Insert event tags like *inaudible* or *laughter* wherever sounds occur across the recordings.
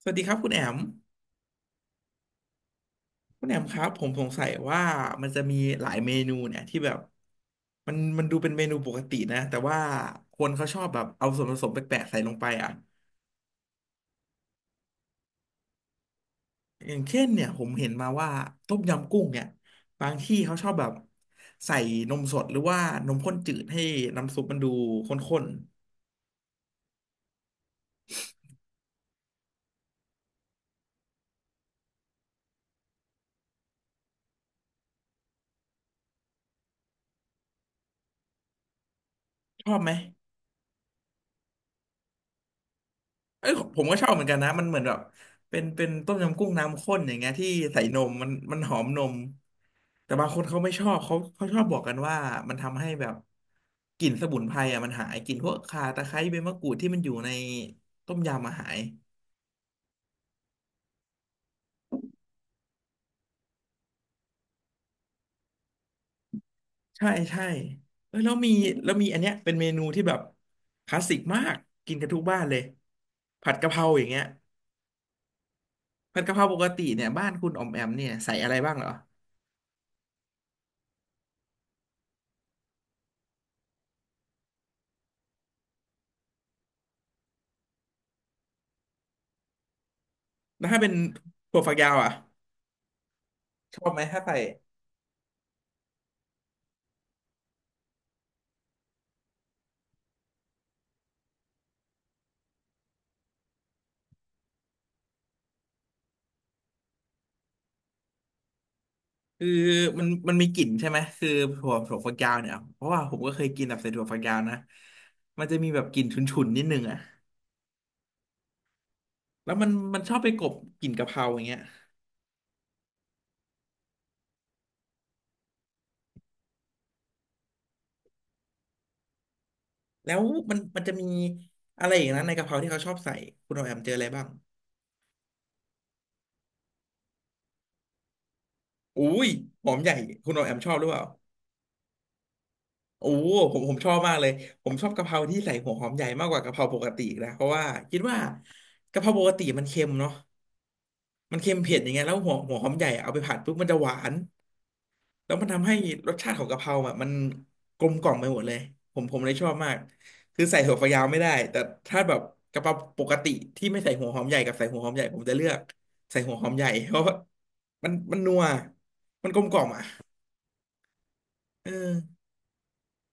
สวัสดีครับคุณแอมคุณแอมครับผมสงสัยว่ามันจะมีหลายเมนูเนี่ยที่แบบมันดูเป็นเมนูปกตินะแต่ว่าคนเขาชอบแบบเอาส่วนผสมแปลกๆใส่ลงไปอ่ะอย่างเช่นเนี่ยผมเห็นมาว่าต้มยำกุ้งเนี่ยบางที่เขาชอบแบบใส่นมสดหรือว่านมข้นจืดให้น้ำซุปมันดูข้นๆชอบไหม เอ้ยผมก็ชอบเหมือนกันนะ มันเหมือนแบบเป็นต้มยำกุ้งน้ำข้นอย่างเงี้ยที่ใส่นมมันหอมนม แต่บางคนเขาไม่ชอบเขาชอบบอกกันว่ามันทำให้แบบกลิ่นสมุนไพรอ่ะมันหายกลิ่นพวกข่าตะไคร้ใบมะกรูดที่มันอยู่ในต้มยำมาหายใช่ใช่เอ้ยแล้วมีแล้วมีอันเนี้ยเป็นเมนูที่แบบคลาสสิกมากกินกันทุกบ้านเลยผัดกะเพราอย่างเงี้ยผัดกะเพราปกติเนี่ยบ้านคุณออมแอมเนี่ยใส่อะไรบ้างเหรอแล้วถ้าเป็นถั่วฝักยาวอ่ะชอบไหมถ้าใส่ คือมันมีกลิ่นใช่ไหมคือถั่วฝักยาวเนี่ยเพราะว่าผมก็เคยกินแบบใส่ถั่วฝักยาวนะมันจะมีแบบกลิ่นฉุนๆนิดนึงอ่ะแล้วมันชอบไปกลบกลิ่นกะเพราอย่างเงี้ยแล้วมันจะมีอะไรอย่างนั้นในกะเพราที่เขาชอบใส่คุณโอแอมเจออะไรบ้างอุ้ยหอมใหญ่คุณโอแอมชอบหรือเปล่าโอ้ผมชอบมากเลยผมชอบกะเพราที่ใส่หัวหอมใหญ่มากกว่ากะเพราปกติอีกนะเพราะว่าคิดว่ากะเพราปกติมันเค็มเนาะมันเค็มเผ็ดอย่างเงี้ยแล้วหัวหอมใหญ่อะเอาไปผัดปุ๊บมันจะหวาน แล้วมันทำให้รสชาติของกะเพราแบบมันกลมกล่อมไปหมดเลยผมเลยชอบมากคือใส่ถั่วฝักยาวไม่ได้แต่ถ้าแบบกะเพราปกติที่ไม่ใส่หัวหอมใหญ่กับใส่หัวหอมใหญ่ผมจะเลือกใส่หัวหอมใหญ่เพราะว่ามันนัวมันกลมกล่อมอ่ะเออ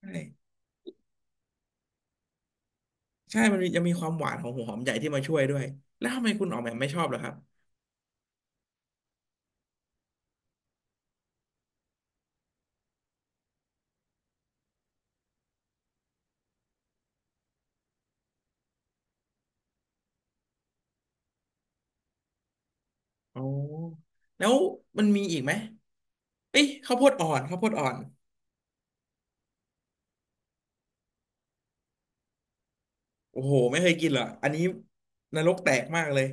ใช่ใช่มันมียังมีความหวานของหัวหอมใหญ่ที่มาช่วยด้วยแล้วทำไมคุณออกแบบไม่ชอบเหรอครับอ๋อแล้วมันมีอีกไหมเอ้ยข้าวโพดอ่อนข้าวโพดอ่อนโอ้โหไม่เคยกินเหรออันนี้นรกแตกมากเลย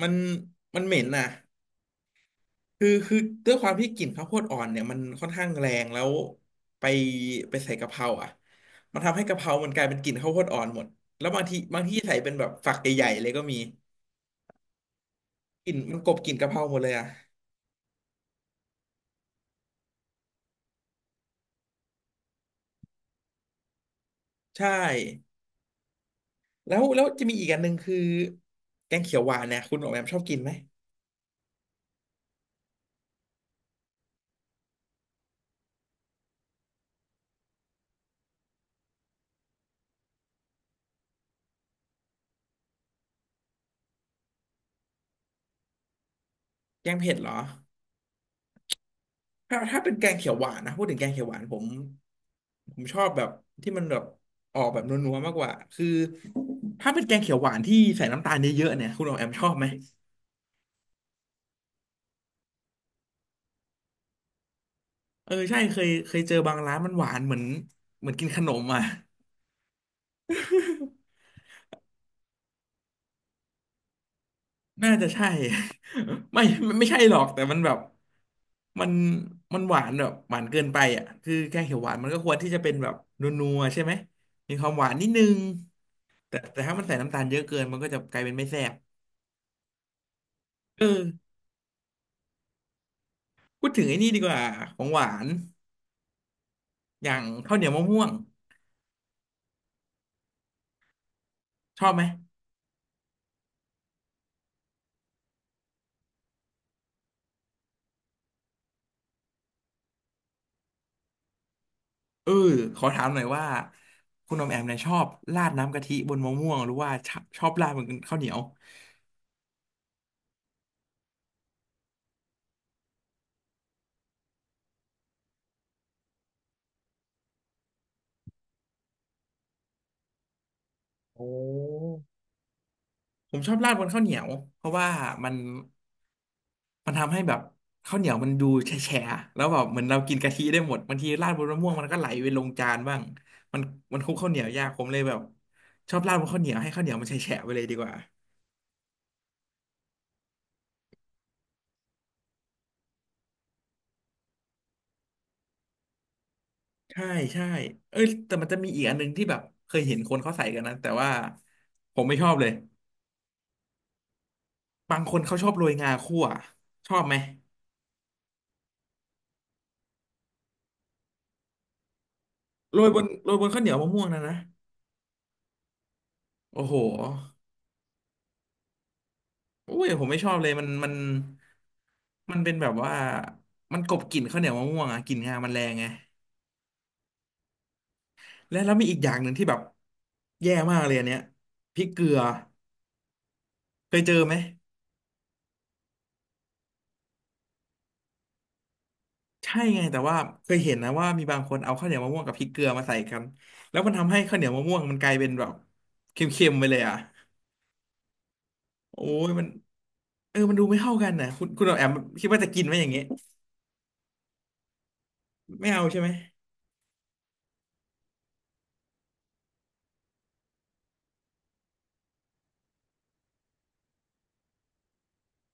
มันมันเหม็นน่ะคือด้วยความที่กลิ่นข้าวโพดอ่อนเนี่ยมันค่อนข้างแรงแล้วไปไปใส่กะเพราอ่ะมันทำให้กะเพรามันกลายเป็นกลิ่นข้าวโพดอ่อนหมดแล้วบางทีบางที่ใส่เป็นแบบฝักใหญ่ๆเลยก็มีกลิ่นมันกลบกลิ่นกะเพราหมดเลยอ่ะใช่แล้วแล้วจะมีอีกอันหนึ่งคือแกงเขียวหวานเนี่ยคุณออกแบบชอบกินไหมแกงเผ็ดเหรอ ถ้าเป็นแกงเขียวหวานนะพูดถึงแกงเขียวหวานผมชอบแบบที่มันแบบออกแบบนัวๆมากกว่าคือถ้าเป็นแกงเขียวหวานที่ใส่น้ำตาลเยอะๆเนี่ยคุณออมแอมชอบไหมเออใช่เคยเจอบางร้านมันหวานเหมือนเหมือนกินขนมอ่ะ *laughs* น่าจะใช่ *laughs* ไม่ไม่ใช่หรอกแต่มันแบบมันมันหวานแบบหวานเกินไปอ่ะคือแกงเขียวหวานมันก็ควรที่จะเป็นแบบนัวๆใช่ไหมมีความหวานนิดนึงแต่แต่ถ้ามันใส่น้ำตาลเยอะเกินมันก็จะกลายเป็นไม่แซ่บเออ พูดถึงไอ้นี่ดีกว่าของหวานอย่างข้าวเหนียวมะม่วงชอบไหมเออขอถามหน่อยว่าคุณอมแอมเนี่ยชอบราดน้ำกะทิบนมะม่วงหรือว่าชอบชอบราดบนข้าวเหนียวโอ้ผมชอบราดบนข้าวเหนียวเพราะว่ามันมันทำให้แบบข้าวเหนียวมันดูแฉะๆแล้วแบบเหมือนเรากินกะทิได้หมดบางทีราดบนมะม่วงมันก็ไหลไปลงจานบ้างมันมันคลุกข้าวเหนียวยากผมเลยแบบชอบราดบนข้าวเหนียวให้ข้าวเหนียวมันแฉะๆไปเลยดีกว่า ใช่ใช่เอ้ยแต่มันจะมีอีกอันหนึงที่แบบเคยเห็นคนเขาใส่กันนะแต่ว่าผมไม่ชอบเลยบางคนเขาชอบโรยงาคั่วชอบไหมโรยบนข้าวเหนียวมะม่วงนะนะโอ้โหโอ้ยผมไม่ชอบเลยมันมันเป็นแบบว่ามันกลบกลิ่นข้าวเหนียวมะม่วงอะกลิ่นงามันแรงไงและแล้วมีอีกอย่างหนึ่งที่แบบแย่มากเลยอันเนี้ยพริกเกลือเคยเจอไหม ใช่ไงแต่ว่าเคยเห็นนะว่ามีบางคนเอาข้าวเหนียวมะม่วงกับพริกเกลือมาใส่กันแล้วมันทำให้ข้าวเหนียวมะม่วงมันกลายเป็นแบบเค็มๆไปเลยอ่ะโอ้ยเออมันดูไม่เข้ากันนะคุณแอมคิดว่าจะกินไหมอย่างเงี้ยไม่เอาใช่ไหม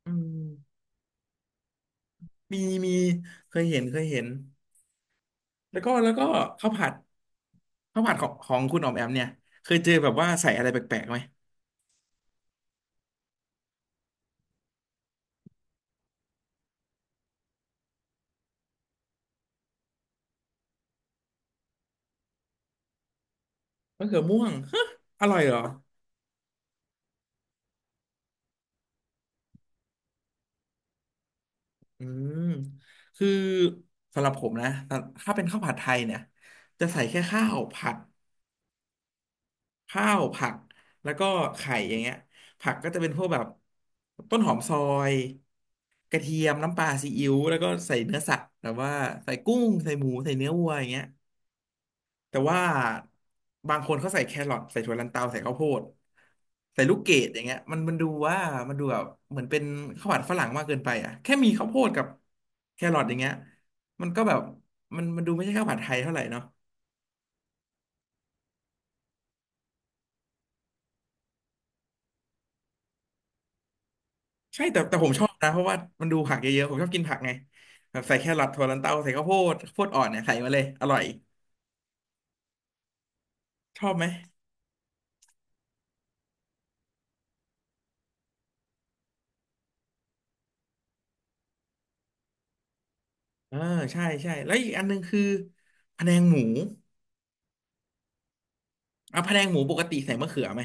อืมมีมีเคยเห็นแล้วก็ข้าวผัดข้าวผัดของคุณออมแอมเนี่ยเคยเจอแบบว่าใส่อะไรแปลกๆไหมมะเขือม่วงฮะอร่อยเหรอ อืมคือสำหรับผมนะถ้าเป็นข้าวผัดไทยเนี่ยจะใส่แค่ข้าวผัด ข้าวผัด แล้วก็ไข่อย่างเงี้ยผักก็จะเป็นพวกแบบต้นหอมซอย กระเทียมน้ำปลาซีอิ๊วแล้วก็ใส่เนื้อสัตว์แบบว่าใส่กุ้ง ใส่หมู ใส่เนื้อวัวอย่างเงี้ย แต่ว่าบางคนเขาใส่แครอทใส่ถั่วลันเตาใส่ข้าวโพดใส่ลูกเกดอย่างเงี้ยมันดูว่ามันดูแบบเหมือนเป็นข้าวผัดฝรั่งมากเกินไปอ่ะแค่มีข้าวโพดกับแครอทอย่างเงี้ยมันก็แบบมันดูไม่ใช่ข้าวผัดไทยเท่าไหร่เนาะใช่แต่ผมชอบนะเพราะว่ามันดูผักเยอะๆผมชอบกินผักไงแบบใส่แครอทถั่วลันเตาใส่ข้าวโพดข้าวโพดอ่อนเนี่ยใส่มาเลยอร่อยชอบไหมเออใช่ใช่แล้วอีกอันหนึงคือพะแนงหมูอ่ะพะแนงหมูปกติใส่มะเขือไหม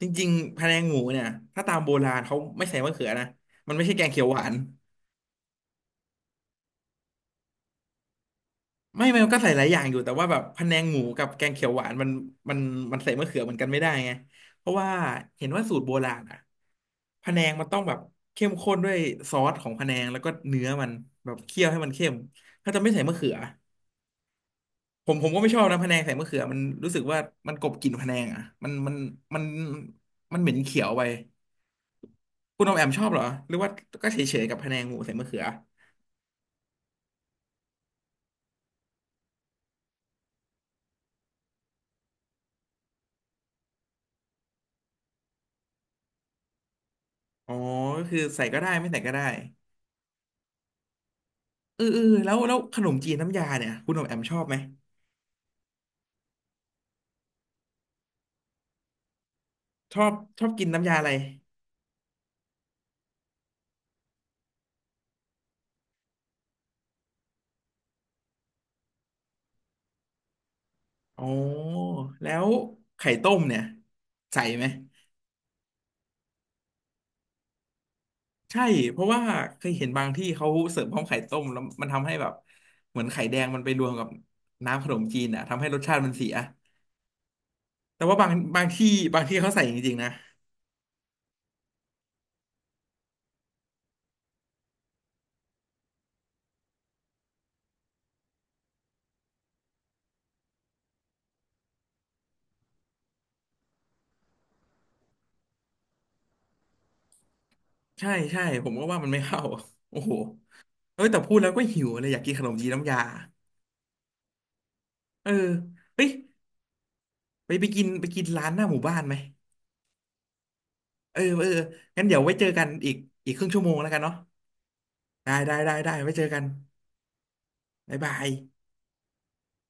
จริงๆพะแนงหมูเนี่ยถ้าตามโบราณเขาไม่ใส่มะเขือนะมันไม่ใช่แกงเขียวหวานไม่มันก็ใส่หลายอย่างอยู่แต่ว่าแบบพะแนงหมูกับแกงเขียวหวานมันมันใส่มะเขือเหมือนกันไม่ได้ไงเพราะว่าเห็นว่าสูตรโบราณอ่ะพะแนงมันต้องแบบเข้มข้นด้วยซอสของพะแนงแล้วก็เนื้อมันแบบเคี่ยวให้มันเข้มถ้าจะไม่ใส่มะเขือผมก็ไม่ชอบนะพะแนงใส่มะเขือมันรู้สึกว่ามันกลบกลิ่นพะแนงอ่ะมันมันเหม็นเขียวไปคุณออมแอมชอบเหรอหรือว่าก็เฉยๆกับพะแนงหมูใส่มะเขือ อ๋อก็คือใส่ก็ได้ไม่ใส่ก็ได้เออเออแล้วขนมจีนน้ำยาเนี่ยคุณอมแอมชอบไหมชอบชอบกินน้ำยาอะไรอ๋อแล้วไข่ต้มเนี่ยใส่ไหมใช่เพราะว่าเคยเห็นบางที่เขาเสิร์ฟพร้อมไข่ต้มแล้วมันทำให้แบบเหมือนไข่แดงมันไปรวมกับน้ำขนมจีนอ่ะทำให้รสชาติมันเสียแต่ว่าบางที่บางที่เขาใส่จริงๆนะใช่ใช่ผมก็ว่ามันไม่เข้าโอ้โหเอ้ยแต่พูดแล้วก็หิวเลยอยากกินขนมจีนน้ำยาเออเฮ้ย ไปกินร้านหน้าหมู่บ้านไหมเออองั้นเดี๋ยวไว้เจอกันอีกครึ่งชั่วโมงแล้วกันเนาะได้ไว้เจอกันบ๊ายบาย